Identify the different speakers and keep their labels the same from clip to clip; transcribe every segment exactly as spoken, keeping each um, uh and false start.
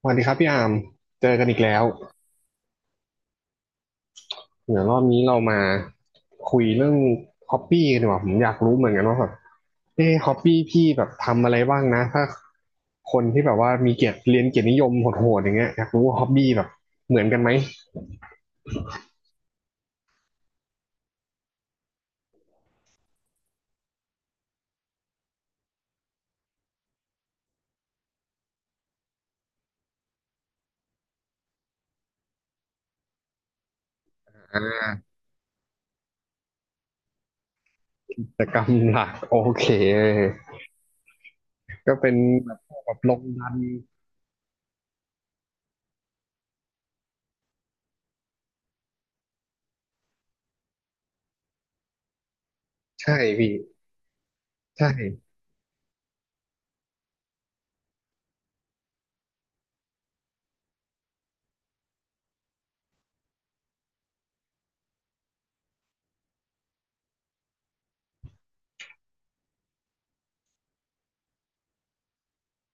Speaker 1: สวัสดีครับพี่อามเจอกันอีกแล้วเดี๋ยวรอบนี้เรามาคุยเรื่องฮอปปี้กันดีกว่าผมอยากรู้เหมือนกันว่าแบบเอ้ฮอปปี้พี่แบบทำอะไรบ้างนะถ้าคนที่แบบว่ามีเกียรติเรียนเกียรตินิยมโหดๆอย่างเงี้ยอยากรู้ว่าฮอปปี้แบบเหมือนกันไหมกิจกรรมหลักโอเคก็เป็นแบบพวกแบบลงดันใช่พี่ใช่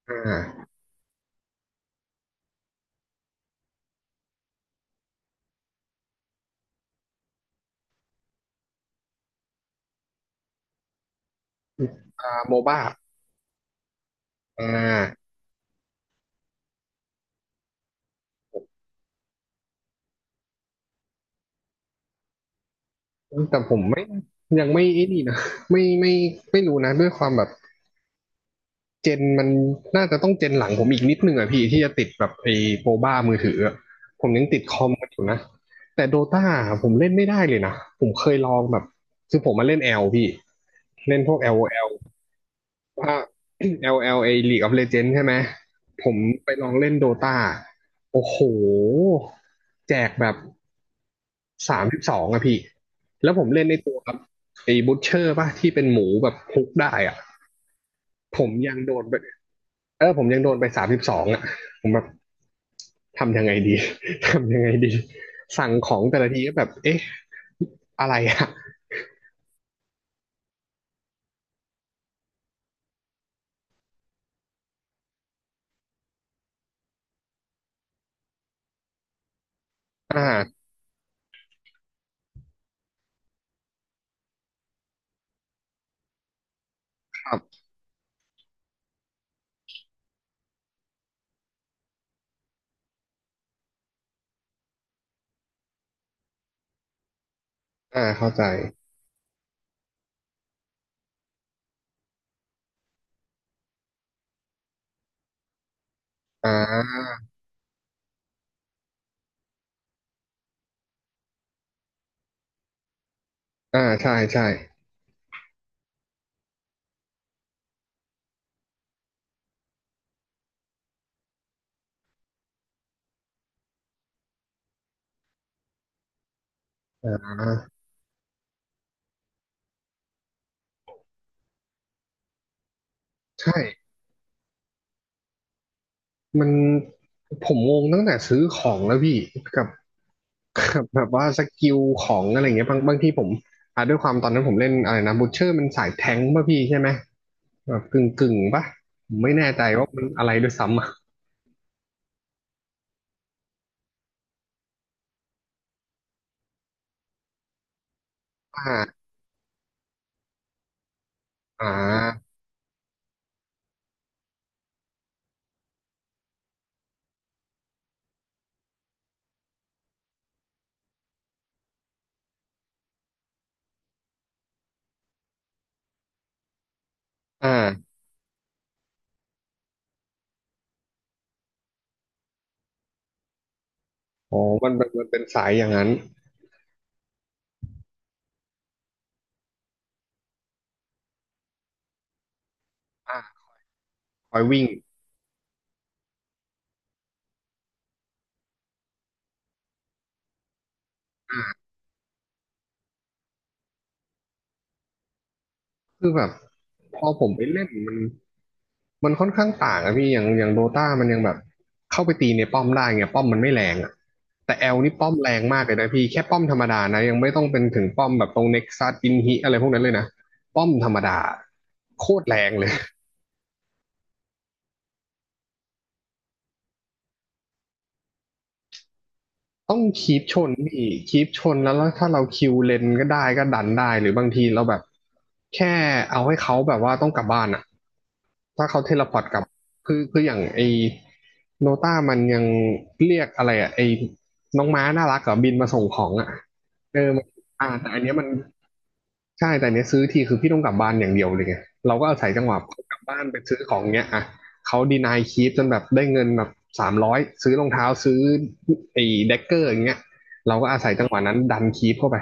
Speaker 1: อ่าอ่าโมบ้าอ่าแต่ผมไม่ยังไม่ไอ้นี่นะไม่ไม่ไม่รู้นะด้วยความแบบ เจนมันน่าจะต้องเจนหลังผมอีกนิดนึงอ่ะพี่ที่จะติดแบบไอ้โปรบ้ามือถืออะผมยังติดคอมมันอยู่นะแต่โดตาผมเล่นไม่ได้เลยนะผมเคยลองแบบคือผมมาเล่นแอลพี่เล่นพวก LOL ว่า แอล แอล ไอลถ้า แอลแอลเอ League of Legends ใช่ไหมผมไปลองเล่นโดตาโอ้โหแจกแบบสามสิบสองอะพี่แล้วผมเล่นในตัวครับไอ้บูชเชอร์ป่ะที่เป็นหมูแบบฮุกได้อะผมยังโดนไป เออผมยังโดนไปสามสิบสองอ่ะผมแบบทำยังไงดี ทำยังไงดีสั่งของแต่ละทีก็แบบเอ๊ะอะไรอ่ะอ่าครับอ่าเข้าใจอ่าอ่าใช่ใช่อ่าใช่มันผมงงตั้งแต่ซื้อของแล้วพี่กับกับแบบว่าสกิลของอะไรเงี้ยบางบางทีผมอ่าด้วยความตอนนั้นผมเล่นอะไรนะบูชเชอร์มันสายแทงค์ป่ะพี่ใช่ไหมแบบกึ่งกึ่งป่ะผมไม่แน่ใจว่ามันอะไรด้วยซ้ำอะอ่าอ่าอ่า อ๋อมันเป็นมันเป็นสายอย่างนั้นอ่าคอยวิ่งอ่าคือแบบ พอผมไปเล่น มันมันค่อนข้างต่างอะพี่อย่างอย่างโดตามันยังแบบ เข้าไปตีในป้อมได้ไงป้อมมันไม่แรงอะแต่แอลนี่ป้อมแรงมากเลยนะพี่แค่ป้อมธรรมดานะ ยังไม่ต้องเป็นถึงป้อมแบบตรงเน็กซัสอินฮิอะไรพวกนั้นเลยนะป้อมธรรมดาโคตรแรงเลย ต้องคีปชนพี่คีปชนแล้วแล้วถ้าเราคิวเลนก็ได้ก็ดันได้หรือบางทีเราแบบแค่เอาให้เขาแบบว่าต้องกลับบ้านอะถ้าเขาเทเลพอร์ตกลับคือคืออย่างไอโนต้ามันยังเรียกอะไรอะไอน้องม้าน่ารักกับบินมาส่งของอะเออมันอ่าแต่อันเนี้ยมัน ใช่แต่เนี้ยซื้อทีคือพี่ต้องกลับบ้านอย่างเดียวเลยไงเราก็อาศัยจังหวะกลับบ้านไปซื้อของเนี้ยอ่ะเขาดีนายคีปจนแบบได้เงินแบบสามร้อยซื้อรองเท้าซื้อไอ้เดกเกอร์อย่างเงี้ยเราก็อาศัยจังหวะนั้นดันคีปเข้าไป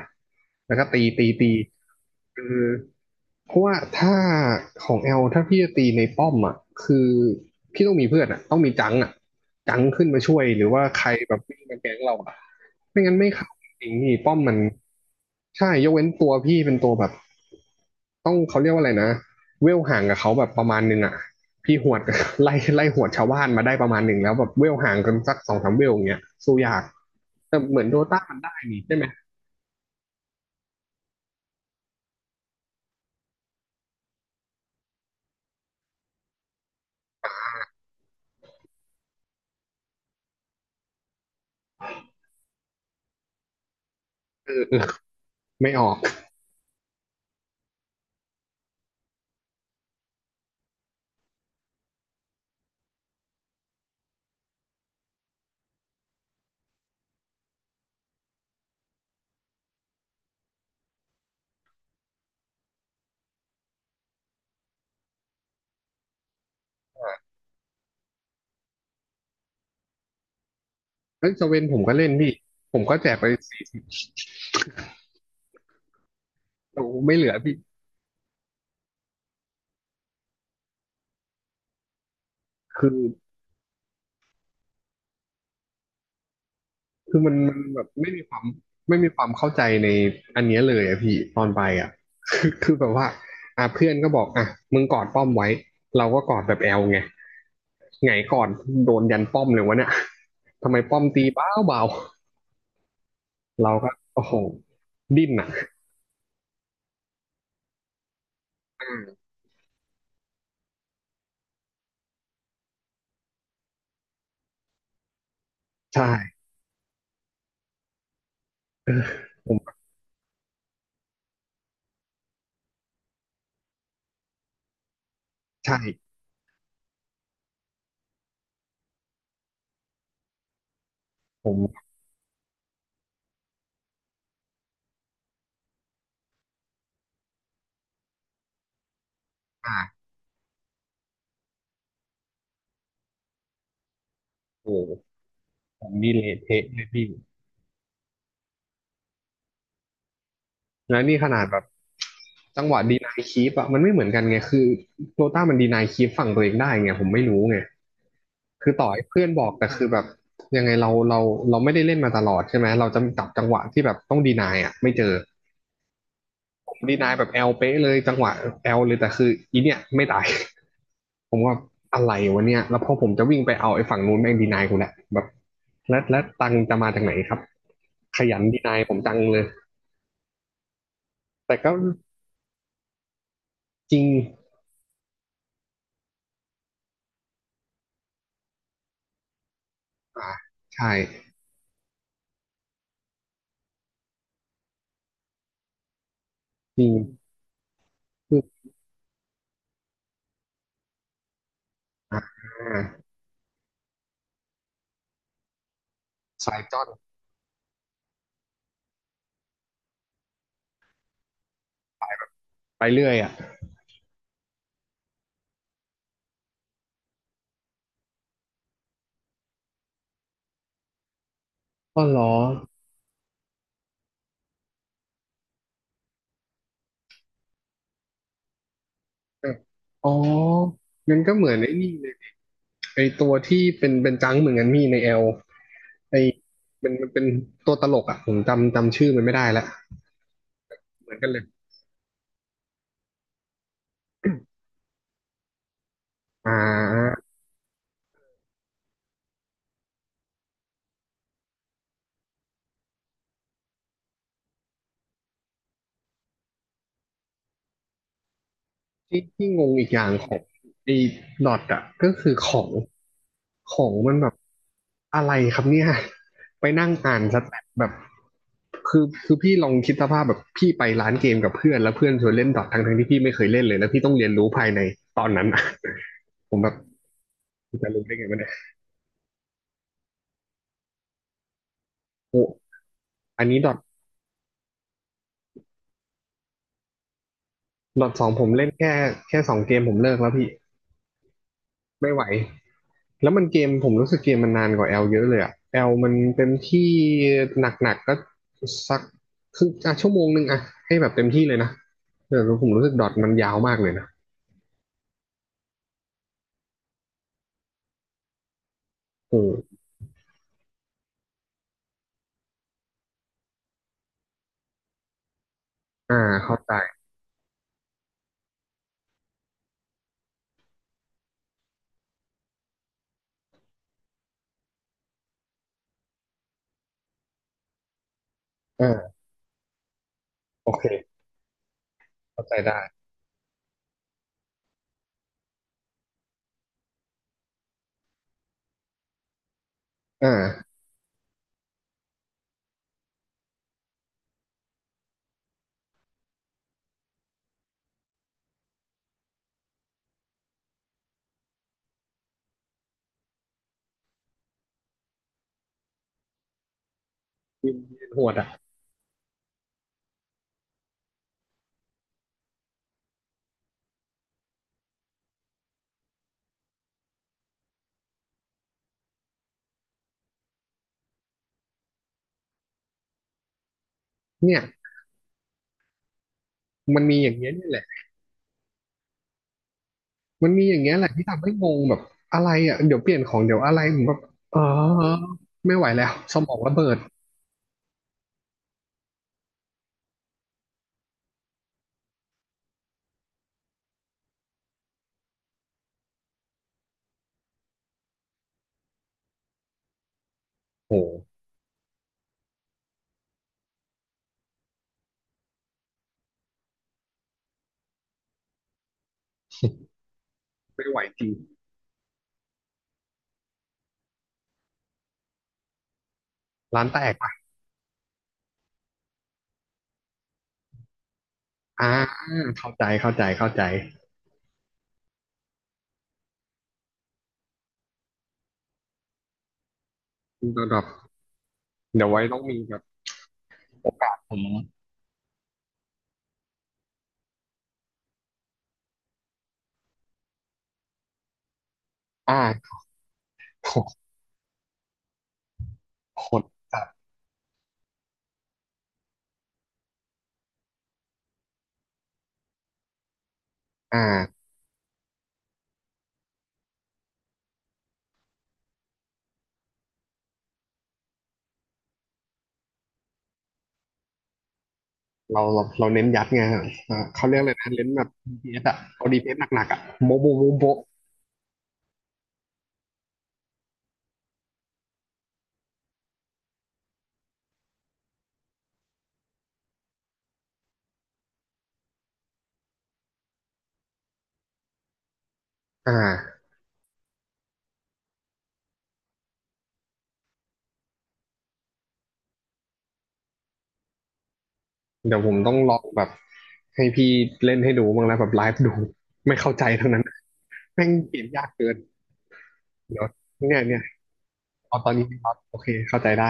Speaker 1: แล้วก็ตีตีตีคือเพราะว่าถ้าของแอลถ้าพี่จะตีในป้อมอ่ะคือพี่ต้องมีเพื่อนอ่ะต้องมีจังอ่ะจังขึ้นมาช่วยหรือว่าใครแบบวิ่งมาแก๊งเราอ่ะไม่งั้นไม่เข้าจริงๆนี่ป้อมมันใช่ยกเว้นตัวพี่เป็นตัวแบบ ต้องเขาเรียกว่าอะไรนะเวลห่างกับเขาแบบประมาณหนึงอ่ะพี่หวด ไล่ไล่หวดชาวบ้านมาได้ประมาณหนึ่งแล้วแบบเวลห่างกันสักสองสามเวลอย่างเงี้ยสู้ยากแต่เหมือนโดต้ามันได้นี่ใช่ไหมเออเออไม่ออกเอ้ยสเวนผมก็เล่นพี่ผมก็แจกไปสี่โอ้ไม่เหลือพี่คือคือมันมันแบบไม่มีความไม่มีความเข้าใจในอันเนี้ยเลยอะพี่ตอนไปอะ คือคือแบบว่าอ่ะเพื่อนก็บอกอ่ะมึงกอดป้อมไว้เราก็กอดแบบแอลไง ไงก่อนโดนยันป้อมเลยวะเนี่ย ทำไมป้อมตีเบาเบาๆเราก็โอ้โหดิ้นอ่ะอ่าใช่ผมใช่ผมอ่าโอ้โหผมนี่เละเทะเลยพี่แล้วนี่ขนาดแบบจังหวะดีนายคีปอะมันไม่เหมือนกันไงคือโรต้ามันดีนายคีปฝั่งตัวเองได้ไงผมไม่รู้ไงคือต่อให้เพื่อนบอกแต่คือแบบยังไงเราเราเราไม่ได้เล่นมาตลอดใช่ไหมเราจะจับจังหวะที่แบบต้องดีนายอ่ะไม่เจอ ดีนายแบบแอลเป๊ะเลยจังหวะแอลเลยแต่คืออีเนี่ยไม่ตาย ผมว่าอะไรวะเนี่ยแล้วพอผมจะวิ่งไปเอาไอ้ฝั่งนู้นแม่งดีนายกูแหละแบบแล้วแล้วตังจะมาจากไหนครับขยันดีนายผมจังเลยแต่ก็จริงอ่าใช่จริงคืออ่าสายจ้อนไปเรื่อยอ่ะก็เหรอเอออ๋องั้นก็เหมือนไอ้นี่เลยไอ้ตัวที่เป็นเป็นจังเหมือนกันมีในแอลไอ้มันมันเป็นตัวตลกอ่ะผมจำจำชื่อมันไม่ได้ละ เหมือนกันเลยอ่าที่ที่งงอีกอย่างของไอ้ดอทอ่ะก็คือของของมันแบบอะไรครับเนี่ย ไปนั่งอ่านสแตทแบบคือคือพี่ลองคิดสภาพแบบพี่ไปร้านเกมกับเพื่อนแล้วเพื่อนชวนเล่นดอททั้งทั้งที่พี่ไม่เคยเล่นเลยแล้วพี่ต้องเรียนรู้ภายในตอนนั้นอะ ผมแบบจะรู้ได้ไงวะเนี่ยโอ้อันนี้ดอทดอทสองผมเล่นแค่แค่สองเกมผมเลิกแล้วพี่ไม่ไหว แล้วมันเกมผมรู้สึกเกมมันนานกว่าแอลเยอะเลยอะแอลมันเต็มที่หนักๆก็สักครึ่งอ่ะชั่วโมงหนึ่งอะให้แบบเต็มที่เลยนะแต่ผมรู้สึกดอทมันยาวมากเลยนะอืมอ่าเข้าใจเอ่าโอเคเข้าใจได้เอ่าทีหวดอะเนี่ยมันมีอย่างเงี้ยนี่แหละมันมีอย่างเงี้ยแหละที่ทำให้งงแบบอะไรอะเดี๋ยวเปลี่ยนของเดี๋ยวอะไรผมแบบอ๋อไม่ไหวแล้วสมองระเบิดโอโหไม่ไหวจริงร้านแตกไปอ่าเข้าใจเข้าใจเข้าใจ ระดับเดี๋ยวไว้ต้องมีแบบโอกาสผมนะอ่า โหโหดจัดอ่าเราเราเราเน้นยัดไงอ่าเขาเรียกเลยนะเน้นแบบดีพี เอส อสอ่ะเอา ดี พี สหนักๆอ่ะโมโบโมโบะอ่าเดี๋ยวผมต้องลองแบบให้พี่เล่นให้ดูบ้างแล้วแบบไลฟ์ดูไม่เข้าใจทั้งนั้นแม่งเปลี่ยนยากเกินเดี๋ยวเนี่ยเนี่ยเอาตอนนี้ครับโอเคเข้าใจได้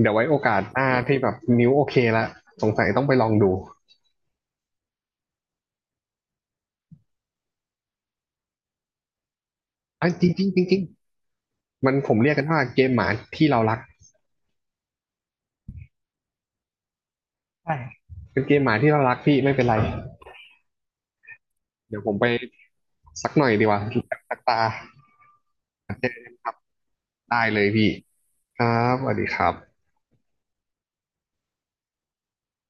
Speaker 1: เดี๋ยวไว้โอกาสหน้าที่แบบนิ้วโอเคละสงสัยต้องไปลองดูอ่ะจริงจริงจริงๆมันผมเรียกกันว่าเกมหมาที่เรารัก ใช่เป็นเกมหมาที่เรารักพี่ไม่เป็นไรเดี๋ยวผมไปสักหน่อยดีกว่า สักตาได้เลยพี่ครับสวัสดีครับ